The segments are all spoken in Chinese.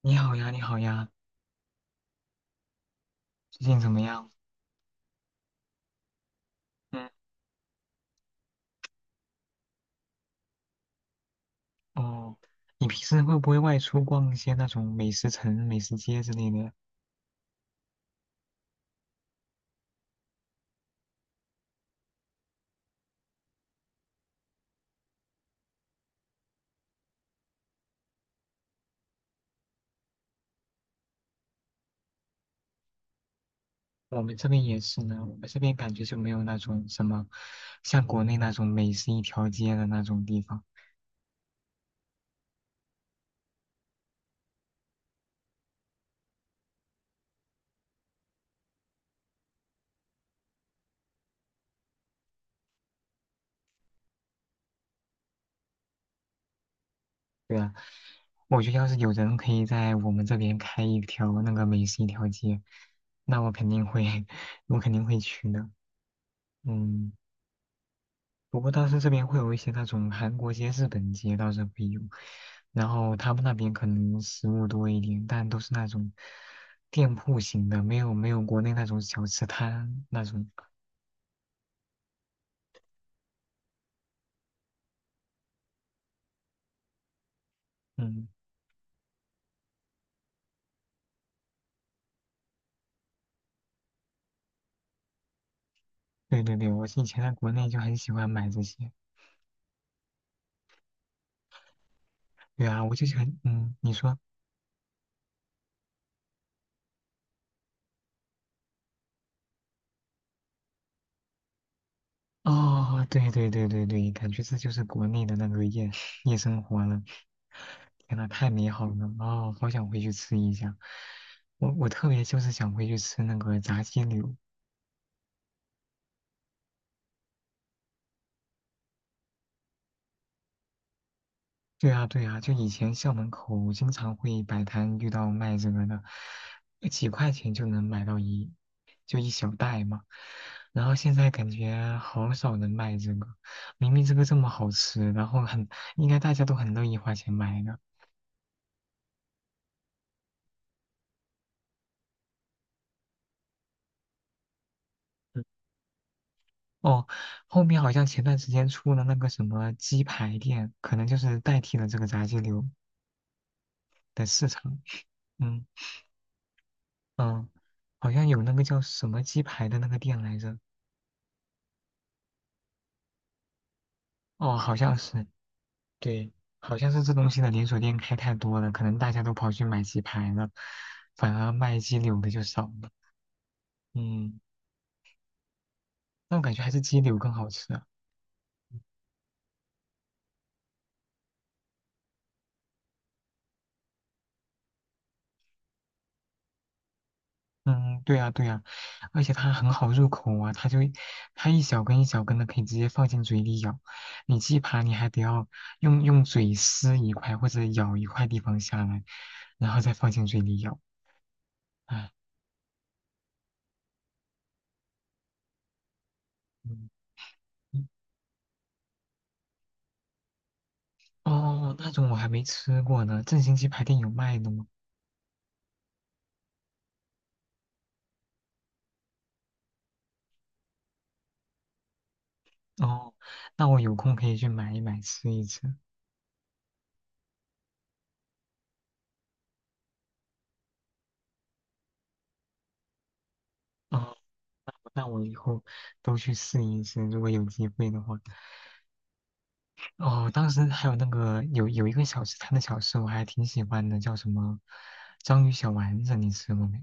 你好呀，你好呀，最近怎么样？嗯，哦，你平时会不会外出逛一些那种美食城、美食街之类的？我们这边也是呢，我们这边感觉就没有那种什么，像国内那种美食一条街的那种地方。对啊，我觉得要是有人可以在我们这边开一条那个美食一条街，那我肯定会，我肯定会去的。嗯。不过当时这边会有一些那种韩国街、日本街倒是会有，然后他们那边可能食物多一点，但都是那种店铺型的，没有国内那种小吃摊那种。嗯，对对对，我以前在国内就很喜欢买这些。对啊，我就喜欢，嗯，你说，哦，对对对对对，感觉这就是国内的那个夜生活了。天呐，太美好了！哦，好想回去吃一下。我特别就是想回去吃那个炸鸡柳，对啊，对啊，就以前校门口经常会摆摊遇到卖这个的，几块钱就能买到一，就一小袋嘛。然后现在感觉好少人卖这个，明明这个这么好吃，然后很，应该大家都很乐意花钱买的。嗯哦，后面好像前段时间出了那个什么鸡排店，可能就是代替了这个炸鸡柳的市场。嗯嗯，好像有那个叫什么鸡排的那个店来着。哦，好像是。对，好像是这东西的连锁店开太多了，可能大家都跑去买鸡排了，反而卖鸡柳的就少了。嗯，那我感觉还是鸡柳更好吃啊。嗯，对啊，对啊，而且它很好入口啊，它就它一小根一小根的，可以直接放进嘴里咬。你鸡排你还得要用嘴撕一块或者咬一块地方下来，然后再放进嘴里咬。哎，嗯，嗯哦，那种我还没吃过呢，正新鸡排店有卖的吗？哦，那我有空可以去买一买吃一吃。哦，那我以后都去试一试，如果有机会的话。哦，当时还有那个有一个小吃摊的小吃，我还挺喜欢的，叫什么章鱼小丸子，你吃过没？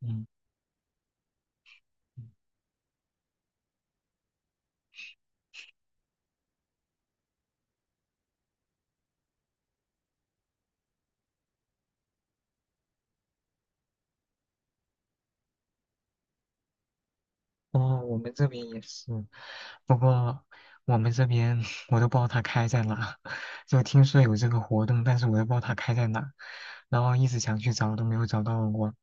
嗯，哦，我们这边也是，不过我们这边 我都不知道它开在哪，就听说有这个活动，但是我都不知道它开在哪，然后一直想去找都没有找到过。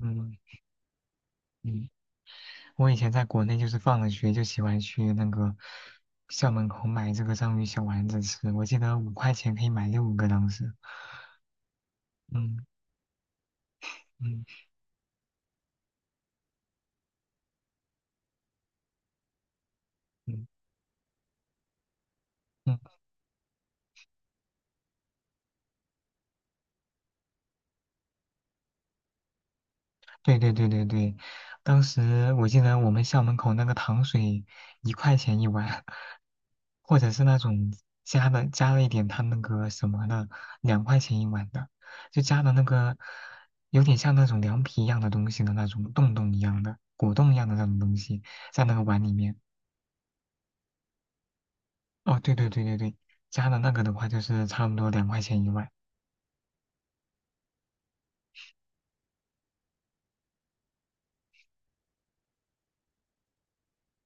嗯嗯。我以前在国内就是放了学就喜欢去那个校门口买这个章鱼小丸子吃，我记得5块钱可以买六个当时。嗯嗯嗯嗯，对对对对对，当时我记得我们校门口那个糖水1块钱1碗，或者是那种加了一点它那个什么的，两块钱一碗的，就加的那个有点像那种凉皮一样的东西的那种洞洞一样的果冻一样的那种东西在那个碗里面。哦，对对对对对，加的那个的话就是差不多两块钱一碗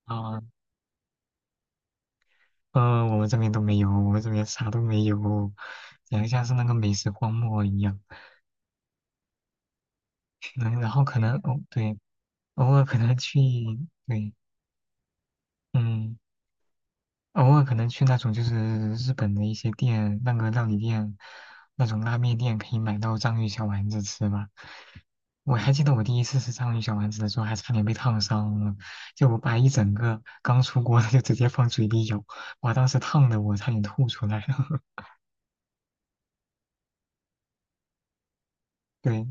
啊。我们这边都没有，我们这边啥都没有，感觉像是那个美食荒漠一样。嗯，然后可能哦，对，偶尔可能去，对，嗯。偶尔可能去那种就是日本的一些店，那个料理店，那种拉面店可以买到章鱼小丸子吃吧。我还记得我第一次吃章鱼小丸子的时候，还差点被烫伤了，就我把一整个刚出锅的就直接放嘴里咬，哇，当时烫的我差点吐出来。了。对，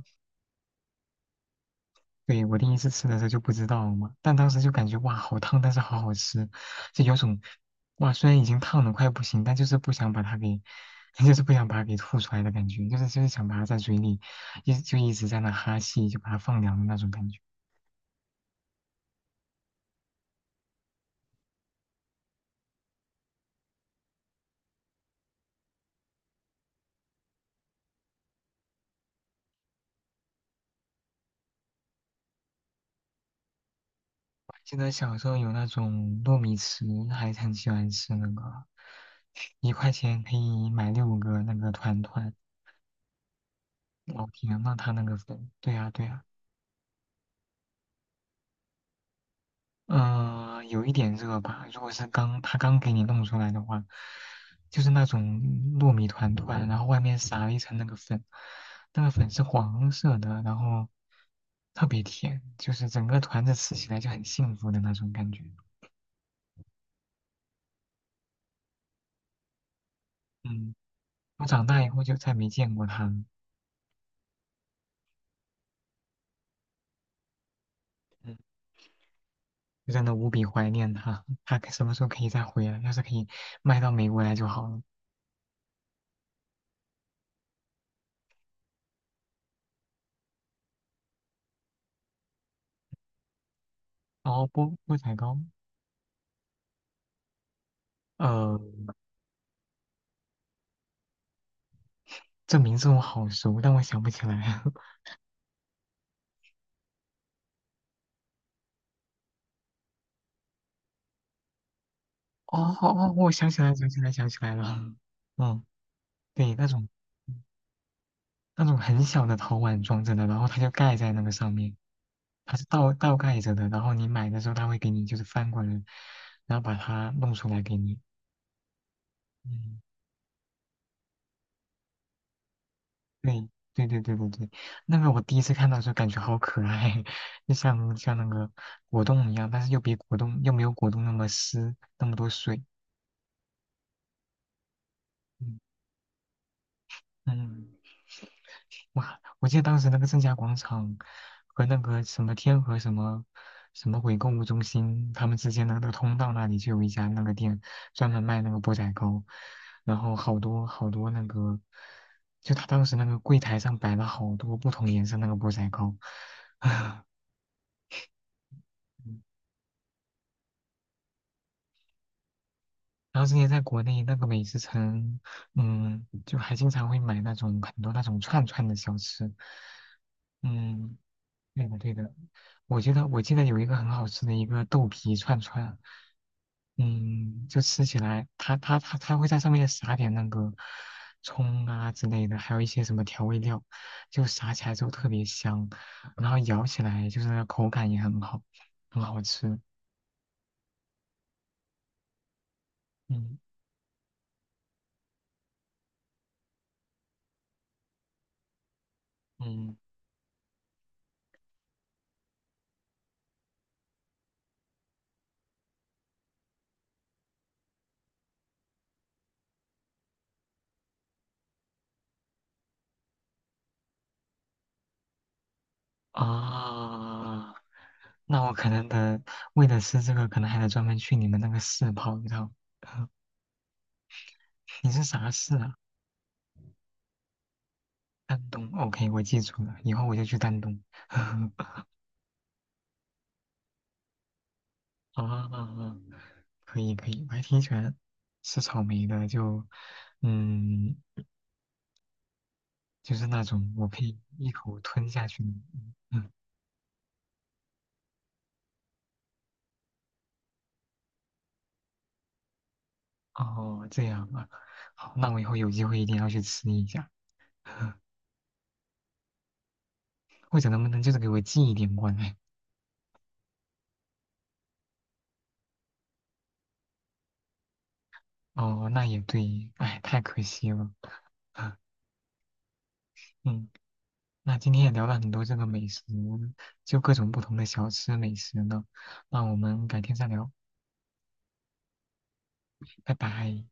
对，我第一次吃的时候就不知道嘛，但当时就感觉哇，好烫，但是好好吃，就有种哇，虽然已经烫的快不行，但就是不想把它给，就是不想把它给吐出来的感觉，就是想把它在嘴里一直在那哈气，就把它放凉的那种感觉。记得小时候有那种糯米糍，还很喜欢吃那个，一块钱可以买六个那个团团，老甜了它那个粉，对呀、对呀、嗯，有一点热吧。如果是他刚给你弄出来的话，就是那种糯米团团，然后外面撒了一层那个粉，那个粉是黄色的，然后特别甜，就是整个团子吃起来就很幸福的那种感觉。嗯，我长大以后就再没见过它了，嗯，就真的无比怀念它。它什么时候可以再回来？要是可以卖到美国来就好了。然后菠菠仔糕，呃，这名字我好熟，但我想不起来。哦哦，哦我想起来，想起来，想起来了。嗯，对，那种嗯那种很小的陶碗装着的，然后它就盖在那个上面，它是倒盖着的。然后你买的时候，它会给你就是翻过来，然后把它弄出来给你。嗯，对对对对对对，那个我第一次看到的时候感觉好可爱，就像那个果冻一样，但是又比果冻又没有果冻那么湿，那么多水。嗯嗯。哇，我记得当时那个正佳广场和那个什么天河什么什么鬼购物中心，他们之间的那个通道那里就有一家那个店，专门卖那个钵仔糕，然后好多好多那个，就他当时那个柜台上摆了好多不同颜色那个钵仔糕，啊，嗯然后之前在国内那个美食城，嗯，就还经常会买那种很多那种串串的小吃，嗯。对的，对的，我觉得我记得有一个很好吃的一个豆皮串串，嗯，就吃起来，它会在上面撒点那个葱啊之类的，还有一些什么调味料，就撒起来之后特别香，然后咬起来就是口感也很好，很好吃。嗯嗯啊，那我可能得为了吃这个，可能还得专门去你们那个市跑一趟。你是啥市啊？丹东，OK,我记住了，以后我就去丹东。啊啊啊，可以可以，我还挺喜欢吃草莓的，就嗯，就是那种我可以一口吞下去的。嗯，哦，这样啊，好，那我以后有机会一定要去吃一下，或者能不能就是给我寄一点过来？哦，那也对，哎，太可惜了。嗯，那今天也聊了很多这个美食，就各种不同的小吃美食呢，那我们改天再聊。拜拜。